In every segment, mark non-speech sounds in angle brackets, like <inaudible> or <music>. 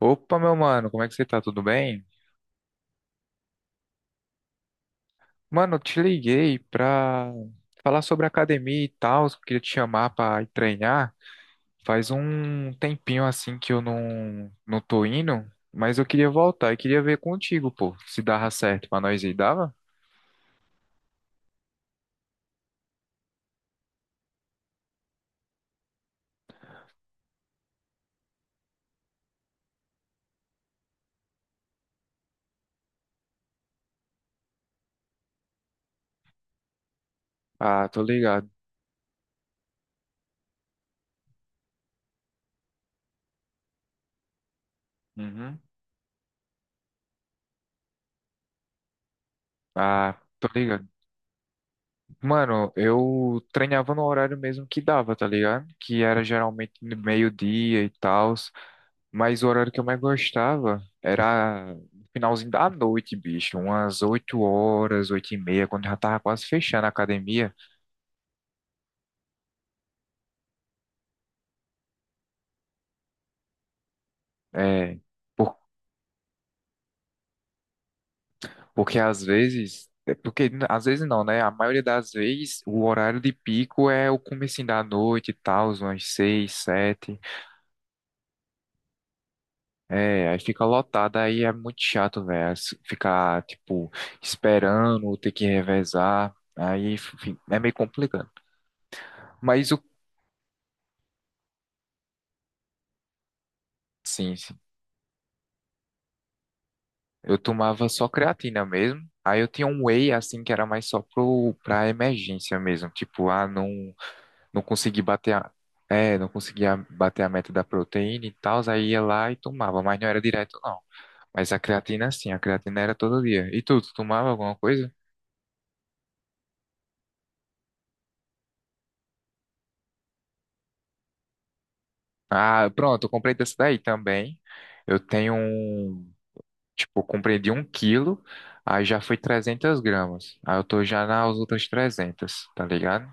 Opa, meu mano, como é que você tá? Tudo bem? Mano, eu te liguei pra falar sobre academia e tal, eu queria te chamar pra ir treinar. Faz um tempinho assim que eu não tô indo, mas eu queria voltar e queria ver contigo, pô, se dava certo pra nós aí. Dava? Ah, tô ligado. Uhum. Ah, tô ligado. Mano, eu treinava no horário mesmo que dava, tá ligado? Que era geralmente no meio-dia e tal. Mas o horário que eu mais gostava era no finalzinho da noite, bicho. Umas 8 horas, 8 e meia, quando já tava quase fechando a academia. É, por- Porque às vezes não, né? A maioria das vezes o horário de pico é o comecinho da noite e tal, umas 6, 7, é, aí fica lotado, aí é muito chato, velho. Ficar, tipo, esperando, ter que revezar. É meio complicado. Mas o. Sim, sim. Eu tomava só creatina mesmo. Aí eu tinha um whey, assim, que era mais só pra emergência mesmo. Tipo, ah, não, não consegui bater a, é, não conseguia bater a meta da proteína e tal. Aí ia lá e tomava, mas não era direto, não. Mas a creatina, sim, a creatina era todo dia. E tu, tu tomava alguma coisa? Ah, pronto, eu comprei dessa daí também. Eu tenho um, tipo, eu comprei de um quilo, aí já foi 300 gramas. Aí eu tô já nas outras trezentas, tá ligado?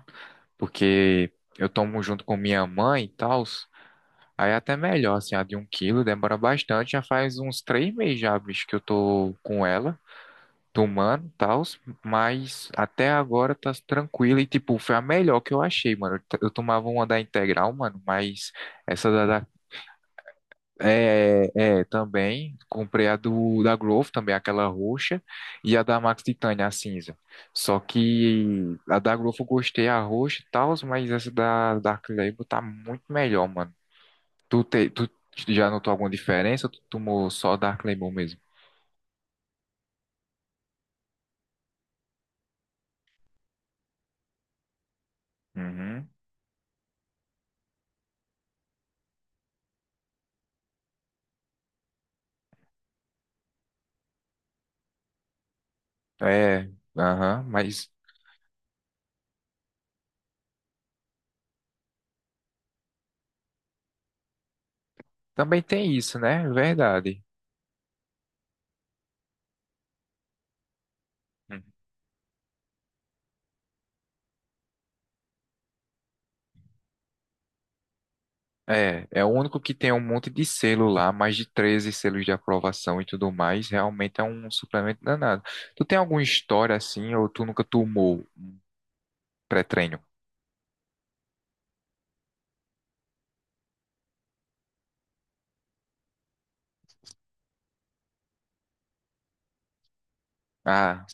Porque eu tomo junto com minha mãe e tal. Aí é até melhor, assim, a de um quilo demora bastante, já faz uns três meses já, bicho, que eu tô com ela, tomando e tal, mas até agora tá tranquila e, tipo, foi a melhor que eu achei, mano. Eu tomava uma da integral, mano, mas essa da, é, é, também comprei a do da Growth, também aquela roxa, e a da Max Titânia, a cinza. Só que a da Growth eu gostei, a roxa e tal, mas essa da Dark Label tá muito melhor, mano. Tu já notou alguma diferença ou tu tomou só Dark Label mesmo? Uhum. É, aham, mas também tem isso, né? Verdade. Hum. É, é o único que tem um monte de selo lá, mais de 13 selos de aprovação e tudo mais. Realmente é um suplemento danado. Tu tem alguma história assim, ou tu nunca tomou pré-treino? Ah,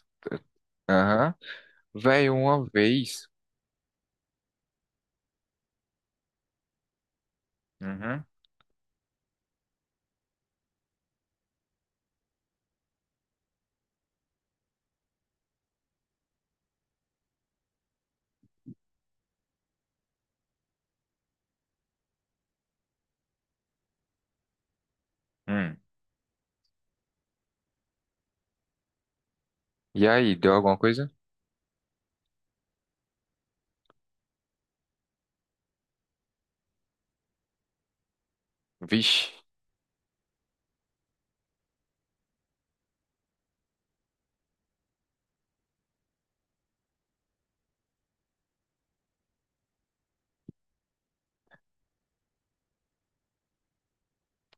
aham. Velho, uma vez. Uhum. Hum. E aí, deu alguma coisa? Vixe.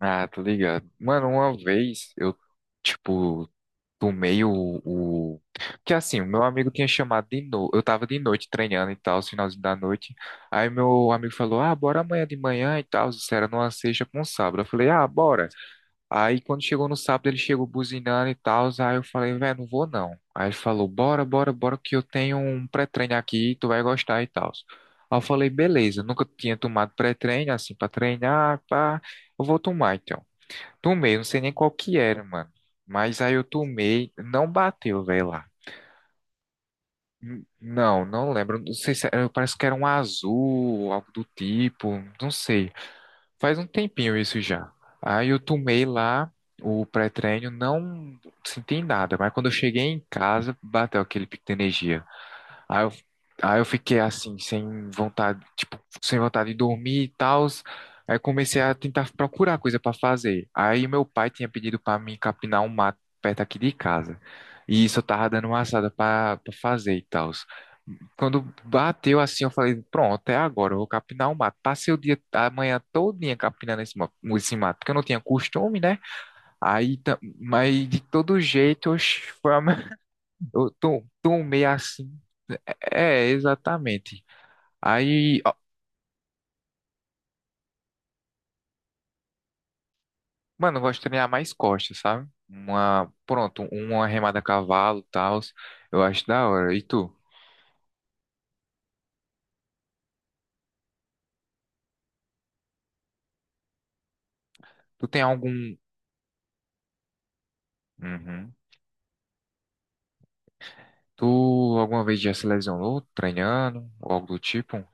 Ah, tô ligado. Mano, uma vez eu, tipo, Tomei o, o... Porque assim, o meu amigo tinha chamado de novo. Eu tava de noite treinando e tal, finalzinho da noite. Aí meu amigo falou, ah, bora amanhã de manhã e tal. Isso era numa sexta com sábado. Eu falei, ah, bora. Aí quando chegou no sábado, ele chegou buzinando e tal. Aí eu falei, velho, não vou não. Aí ele falou, bora, bora, bora, que eu tenho um pré-treino aqui, tu vai gostar e tal. Aí eu falei, beleza, nunca tinha tomado pré-treino, assim, pra treinar, pá, eu vou tomar então. Tomei, eu não sei nem qual que era, mano. Mas aí eu tomei, não bateu, velho, lá. Não, lembro. Não sei se era, parece que era um azul, algo do tipo, não sei. Faz um tempinho isso já. Aí eu tomei lá o pré-treino, não senti nada, mas quando eu cheguei em casa, bateu aquele pico de energia. Aí eu, aí eu fiquei assim, sem vontade, tipo, sem vontade de dormir e tal. Aí comecei a tentar procurar coisa para fazer. Aí meu pai tinha pedido para mim capinar um mato perto aqui de casa. E isso eu tava dando uma assada para fazer e tal. Quando bateu assim, eu falei, pronto, é agora, eu vou capinar o mato. Passei o dia, a manhã todinha capinando esse mato, porque eu não tinha costume, né? Aí, ta- mas de todo jeito, oxe, foi a <laughs> tô um meio assim. É, é, exatamente. Aí, ó, mano, eu gosto de treinar mais costas, sabe? Uma, pronto, uma remada a cavalo, tal. Eu acho da hora. E tu? Tu tem algum. Uhum. Tu alguma vez já se lesionou treinando? Ou algo do tipo?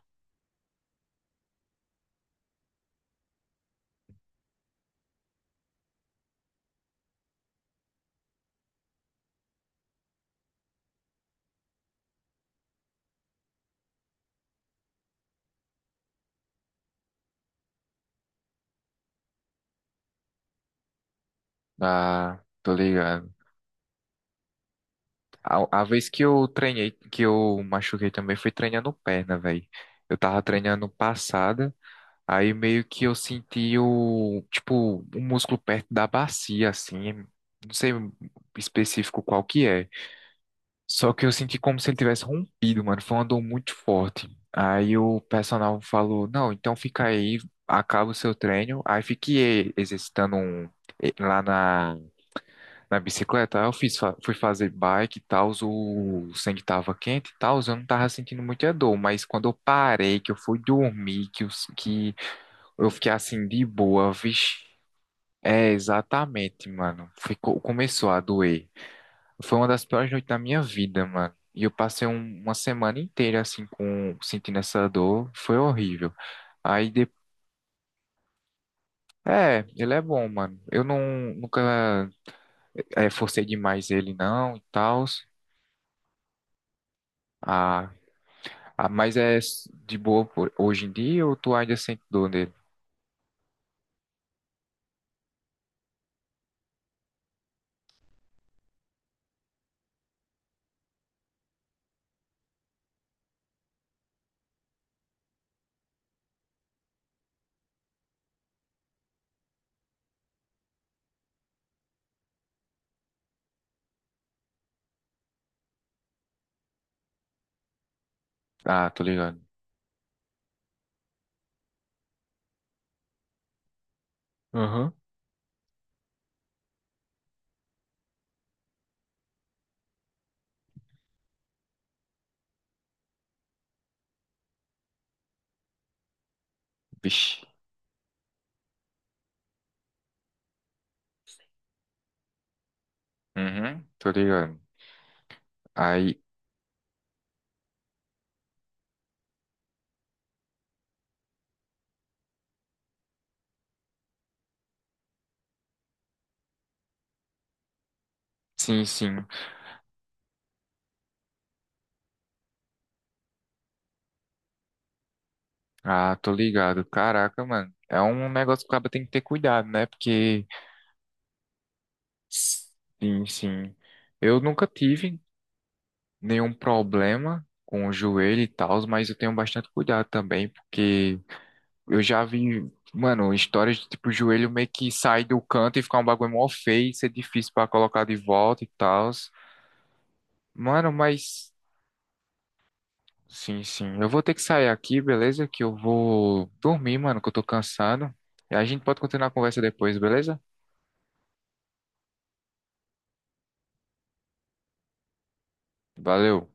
Ah, tô ligado. A vez que eu treinei, que eu machuquei também foi treinando perna, velho. Eu tava treinando passada. Aí meio que eu senti o, tipo, um músculo perto da bacia, assim, não sei específico qual que é. Só que eu senti como se ele tivesse rompido, mano, foi uma dor muito forte. Aí o personal falou, não, então fica aí, acaba o seu treino. Aí fiquei exercitando um, lá na, na bicicleta, aí eu fiz, fui fazer bike e tal, o sangue tava quente e tal, eu não tava sentindo muita dor, mas quando eu parei, que eu fui dormir, que, os que eu fiquei assim de boa, vixe. É, exatamente, mano. Ficou, começou a doer. Foi uma das piores noites da minha vida, mano. E eu passei uma semana inteira assim com sentindo essa dor. Foi horrível. Aí de... É, ele é bom, mano. Eu não nunca é, forcei demais ele não e tal. Ah, ah, mas é de boa hoje em dia ou tu ainda sente dor nele? Ah, tô ligado. Aham. Vixe. Uhum, tô ligado. Aí, sim, sim. Ah, tô ligado. Caraca, mano. É um negócio que o cara tem que ter cuidado, né? Porque, sim, sim. Eu nunca tive nenhum problema com o joelho e tal, mas eu tenho bastante cuidado também, porque eu já vi, mano, histórias de tipo, o joelho meio que sai do canto e ficar um bagulho mó feio, ser difícil pra colocar de volta e tal. Mano, mas, sim, sim. Eu vou ter que sair aqui, beleza? Que eu vou dormir, mano, que eu tô cansado. E a gente pode continuar a conversa depois, beleza? Valeu.